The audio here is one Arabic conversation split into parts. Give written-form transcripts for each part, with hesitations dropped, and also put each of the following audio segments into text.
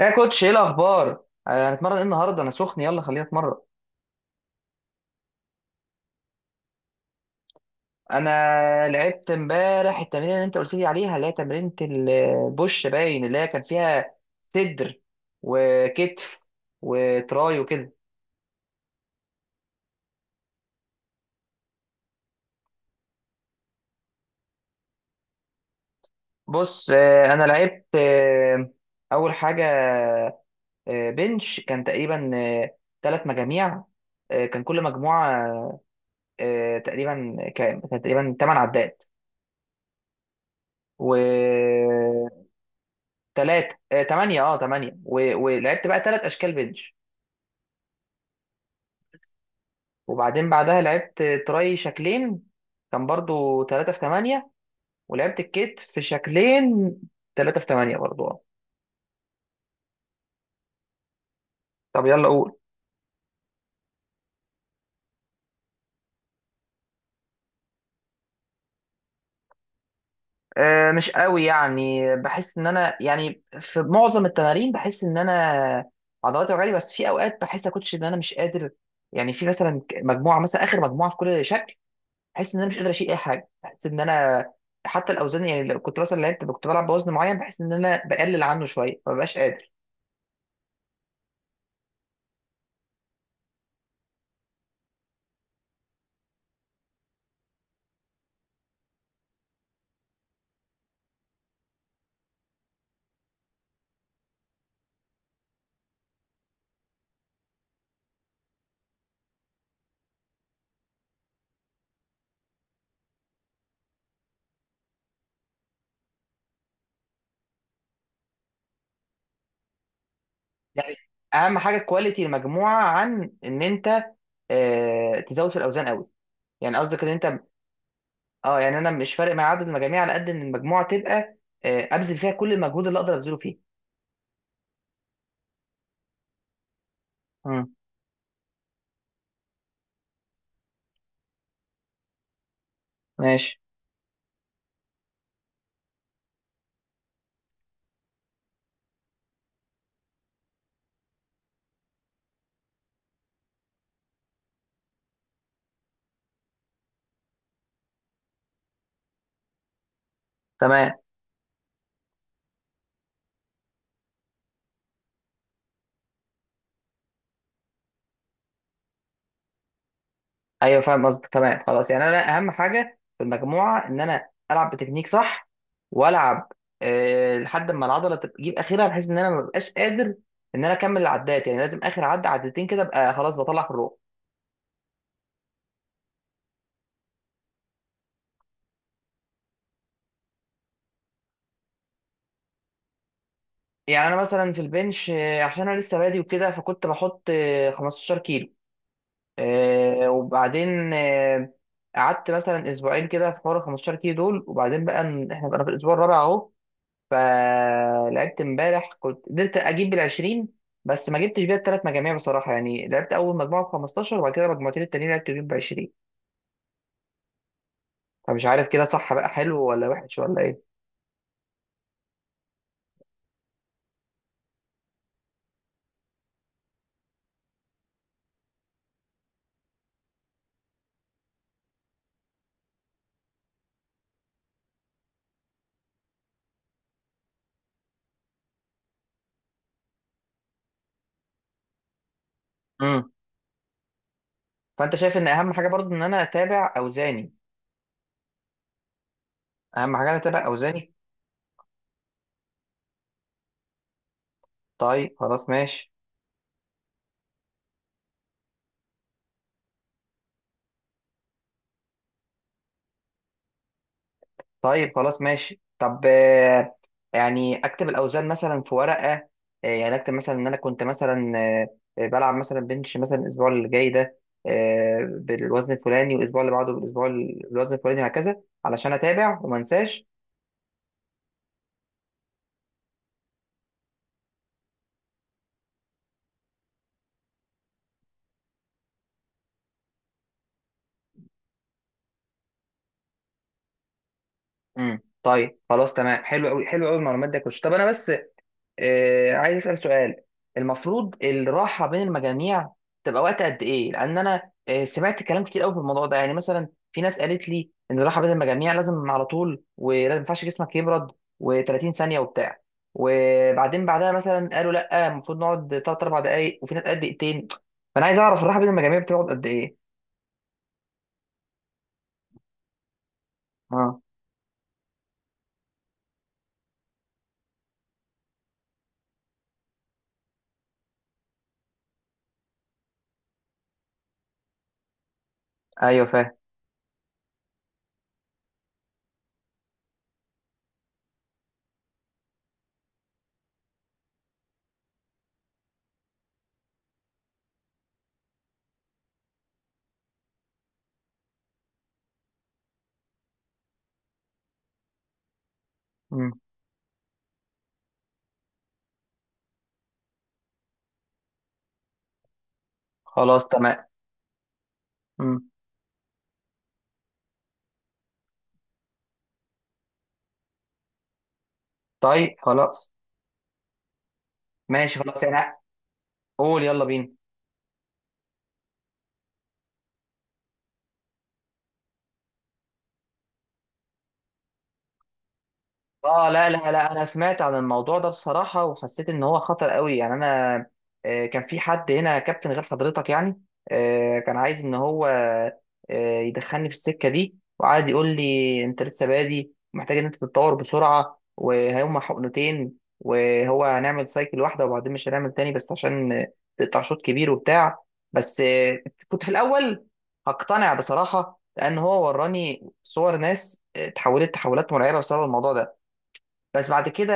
يا كوتش، ايه الاخبار؟ هنتمرن ايه النهارده؟ انا سخن، يلا خلينا نتمرن. انا لعبت امبارح التمرين اللي انت قلت لي عليها، اللي هي تمرينة البوش باين، اللي هي كان فيها صدر وكتف وتراي وكده. بص، انا لعبت، اول حاجه بنش كان تقريبا ثلاث مجاميع. كان كل مجموعه، تقريبا كام؟ كان تقريبا 8 عدات، و تلاتة، تمانية، تمانية ولعبت بقى تلات أشكال بنش. وبعدين بعدها لعبت تراي شكلين، كان برضو تلاتة في تمانية. ولعبت الكيت في شكلين، تلاتة في تمانية برضو، طب يلا قول. مش قوي، يعني بحس إن أنا، يعني في معظم التمارين بحس إن أنا عضلاتي وجعاني. بس في أوقات بحس يا كوتش إن أنا مش قادر، يعني في مثلا مجموعة، مثلا آخر مجموعة في كل شكل بحس ان انا مش قادر اشيل اي حاجه. بحس ان انا حتى الاوزان، يعني لو كنت مثلا لعبت كنت بلعب بوزن معين، بحس ان انا بقلل عنه شويه، ما ببقاش قادر. يعني اهم حاجه كواليتي المجموعه، عن ان انت تزود في الاوزان قوي. يعني قصدك ان انت، اه يعني انا مش فارق معايا عدد المجاميع، على قد ان المجموعه تبقى ابذل فيها كل المجهود اللي اقدر ابذله فيه. امم، ماشي، تمام. ايوه فاهم قصدك، تمام، خلاص. يعني انا اهم حاجه في المجموعه ان انا العب بتكنيك صح، والعب أه لحد ما العضله تجيب اخرها، بحيث ان انا ما ببقاش قادر ان انا اكمل العدات، يعني لازم اخر عد عدتين كده ابقى خلاص بطلع في الروح. يعني انا مثلا في البنش، عشان انا لسه بادي وكده، فكنت بحط 15 كيلو. أه وبعدين، قعدت مثلا اسبوعين كده في حوار ال 15 كيلو دول، وبعدين بقى احنا بقى في الاسبوع الرابع اهو. فلعبت امبارح كنت قدرت اجيب بالعشرين، بس ما جبتش بيها الثلاث مجاميع بصراحه. يعني لعبت اول مجموعه ب 15، وبعد كده مجموعتين التانيين لعبت بيهم ب 20. فمش عارف كده صح بقى، حلو ولا وحش ولا ايه؟ امم. فانت شايف ان اهم حاجه برضو ان انا اتابع اوزاني. اهم حاجه انا اتابع اوزاني. طيب خلاص، ماشي. طيب خلاص ماشي. طب يعني اكتب الاوزان مثلا في ورقه، يعني اكتب مثلا ان انا كنت مثلا بلعب مثلا بنش مثلا الاسبوع اللي جاي ده، بالوزن الفلاني، والاسبوع اللي بعده بالوزن الفلاني، وهكذا علشان اتابع وما انساش. امم، طيب خلاص تمام. حلو قوي، حلو قوي المعلومات دي كويس. طب انا بس عايز اسال سؤال. المفروض الراحه بين المجاميع تبقى وقت قد ايه؟ لان انا سمعت كلام كتير قوي في الموضوع ده. يعني مثلا في ناس قالت لي ان الراحه بين المجاميع لازم على طول، ولازم ما ينفعش جسمك يبرد، و30 ثانيه وبتاع. وبعدين بعدها مثلا قالوا لا، المفروض نقعد 3 4 دقائق، وفي ناس قد دقيقتين. فانا عايز اعرف الراحه بين المجاميع بتقعد قد ايه؟ اه، ايوه فاهم. مم. خلاص تمام. مم. طيب خلاص، ماشي خلاص يعني. قول يلا بينا. اه لا لا لا، انا سمعت عن الموضوع ده بصراحه وحسيت ان هو خطر قوي. يعني انا كان في حد هنا كابتن غير حضرتك، يعني كان عايز ان هو يدخلني في السكه دي، وقعد يقول لي انت لسه بادي، ومحتاج ان انت تتطور بسرعه، وهيوم حقنتين، وهو هنعمل سايكل واحده وبعدين مش هنعمل تاني، بس عشان تقطع شوط كبير وبتاع. بس كنت في الاول هقتنع بصراحه، لان هو وراني صور ناس اتحولت تحولات مرعبه بسبب الموضوع ده. بس بعد كده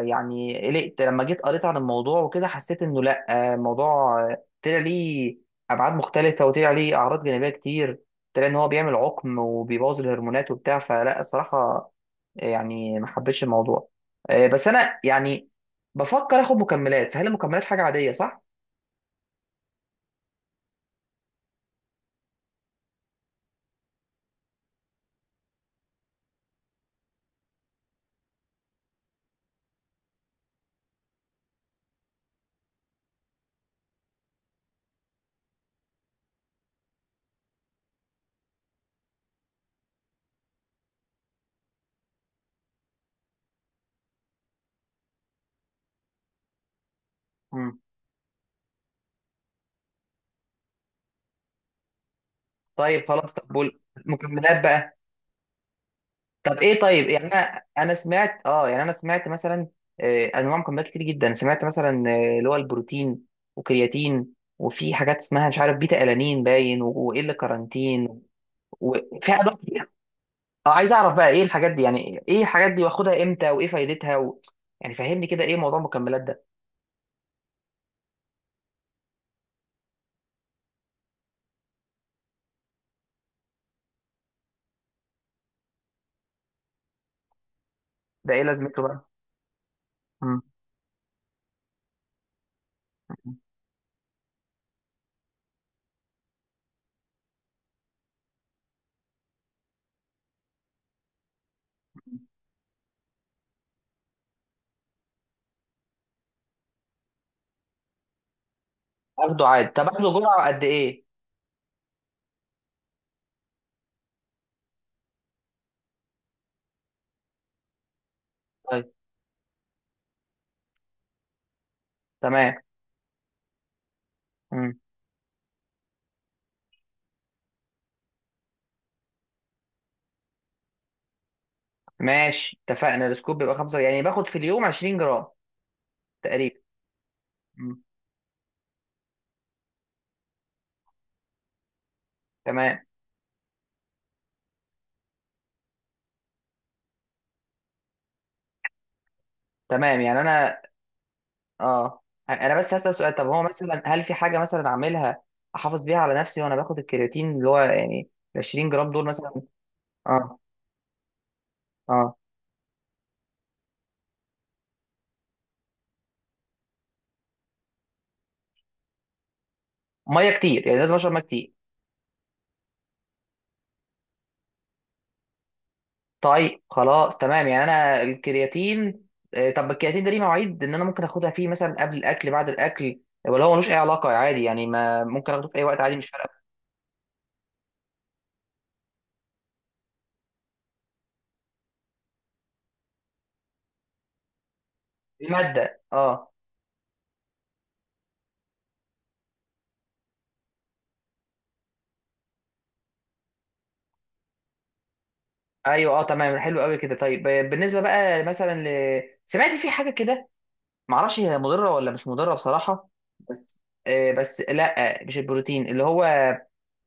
يعني قلقت لما جيت قريت عن الموضوع وكده، حسيت انه لا، الموضوع طلع ليه ابعاد مختلفه، وطلع ليه اعراض جانبيه كتير. طلع ان هو بيعمل عقم، وبيبوظ الهرمونات وبتاع. فلا الصراحه يعني ما حبيتش الموضوع. بس انا يعني بفكر اخد مكملات، فهل المكملات حاجه عاديه صح؟ مم. طيب خلاص، طب المكملات بقى. طب ايه؟ طيب يعني انا سمعت يعني انا سمعت مثلا انواع مكملات كتير جدا. سمعت مثلا اللي هو البروتين، وكرياتين، وفي حاجات اسمها مش عارف بيتا الانين باين، وايه اللي كارانتين، وفي انواع كتير. اه عايز اعرف بقى ايه الحاجات دي، يعني ايه الحاجات دي، واخدها امتى، وايه فايدتها يعني فهمني كده ايه موضوع المكملات ده. ده ايه لازمته بقى؟ مم. اخده عادي، طب اخده جرعه قد ايه؟ طيب، تمام. مم. ماشي اتفقنا. السكوب بيبقى خمسة، يعني باخد في اليوم 20 جرام تقريبا. مم. تمام، تمام. يعني اه انا بس هسأل سؤال. طب هو مثلا هل في حاجه مثلا اعملها احافظ بيها على نفسي وانا باخد الكرياتين اللي هو يعني ال 20 جرام دول مثلا؟ اه، اه. ميه كتير يعني، لازم اشرب ميه كتير. طيب خلاص، تمام. يعني انا الكرياتين، طب الكرياتين ده ليه مواعيد ان انا ممكن اخدها فيه مثلا قبل الاكل بعد الاكل، ولا هو ملوش اي علاقه عادي؟ يعني ما ممكن اخده في اي وقت عادي مش فارقه. الماده، اه. ايوه اه تمام، حلو قوي كده. طيب بالنسبه بقى مثلا سمعت في حاجه كده، معرفش هي مضره ولا مش مضره بصراحه. بس بس لا، مش البروتين اللي هو،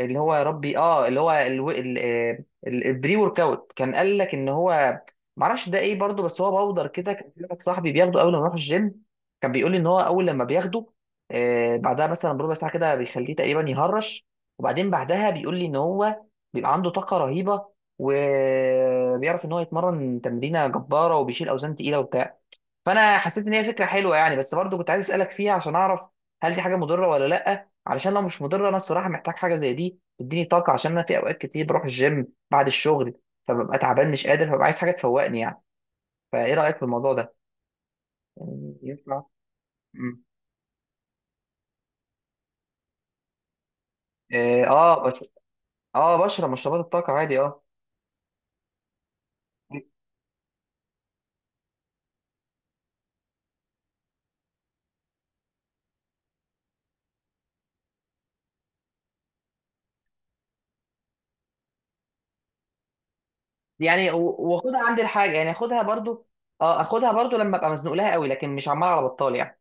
اللي هو، يا ربي، اه، اللي هو البري ورك اوت. كان قال لك ان هو، معرفش ده ايه برضه، بس هو باودر كده. كان في واحد صاحبي بياخده اول ما يروح الجيم. كان بيقول لي ان هو اول لما بياخده بعدها مثلا بربع ساعه كده بيخليه تقريبا يهرش، وبعدين بعدها بيقول لي ان هو بيبقى عنده طاقه رهيبه، وبيعرف ان هو يتمرن تمرينه جباره، وبيشيل اوزان تقيله وبتاع. فانا حسيت ان هي فكره حلوه يعني، بس برضو كنت عايز اسالك فيها عشان اعرف، هل دي حاجه مضره ولا لا؟ علشان لو مش مضره انا الصراحه محتاج حاجه زي دي تديني طاقه، عشان انا في اوقات كتير بروح الجيم بعد الشغل، فببقى تعبان مش قادر، فببقى عايز حاجه تفوقني يعني. فايه رايك في الموضوع ده؟ يعني ينفع؟ مم. اه، بش... اه بشرب مشروبات الطاقه عادي، اه. يعني واخدها عندي الحاجه يعني، اخدها برضو. اه اخدها برضو لما ابقى مزنوق لها قوي، لكن مش عمال على بطال يعني.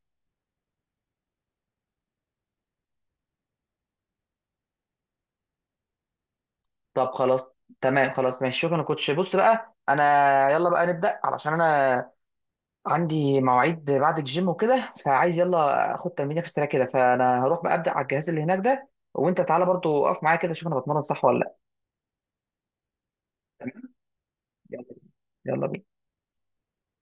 طب خلاص، تمام خلاص، ماشي. شكرا يا كوتش. بص بقى انا يلا بقى نبدا، علشان انا عندي مواعيد بعد الجيم وكده، فعايز يلا اخد تمرينه في السريع كده. فانا هروح بقى ابدا على الجهاز اللي هناك ده، وانت تعالى برضو اقف معايا كده، شوف انا بتمرن صح ولا لا. تمام؟ يلا. يلا بينا.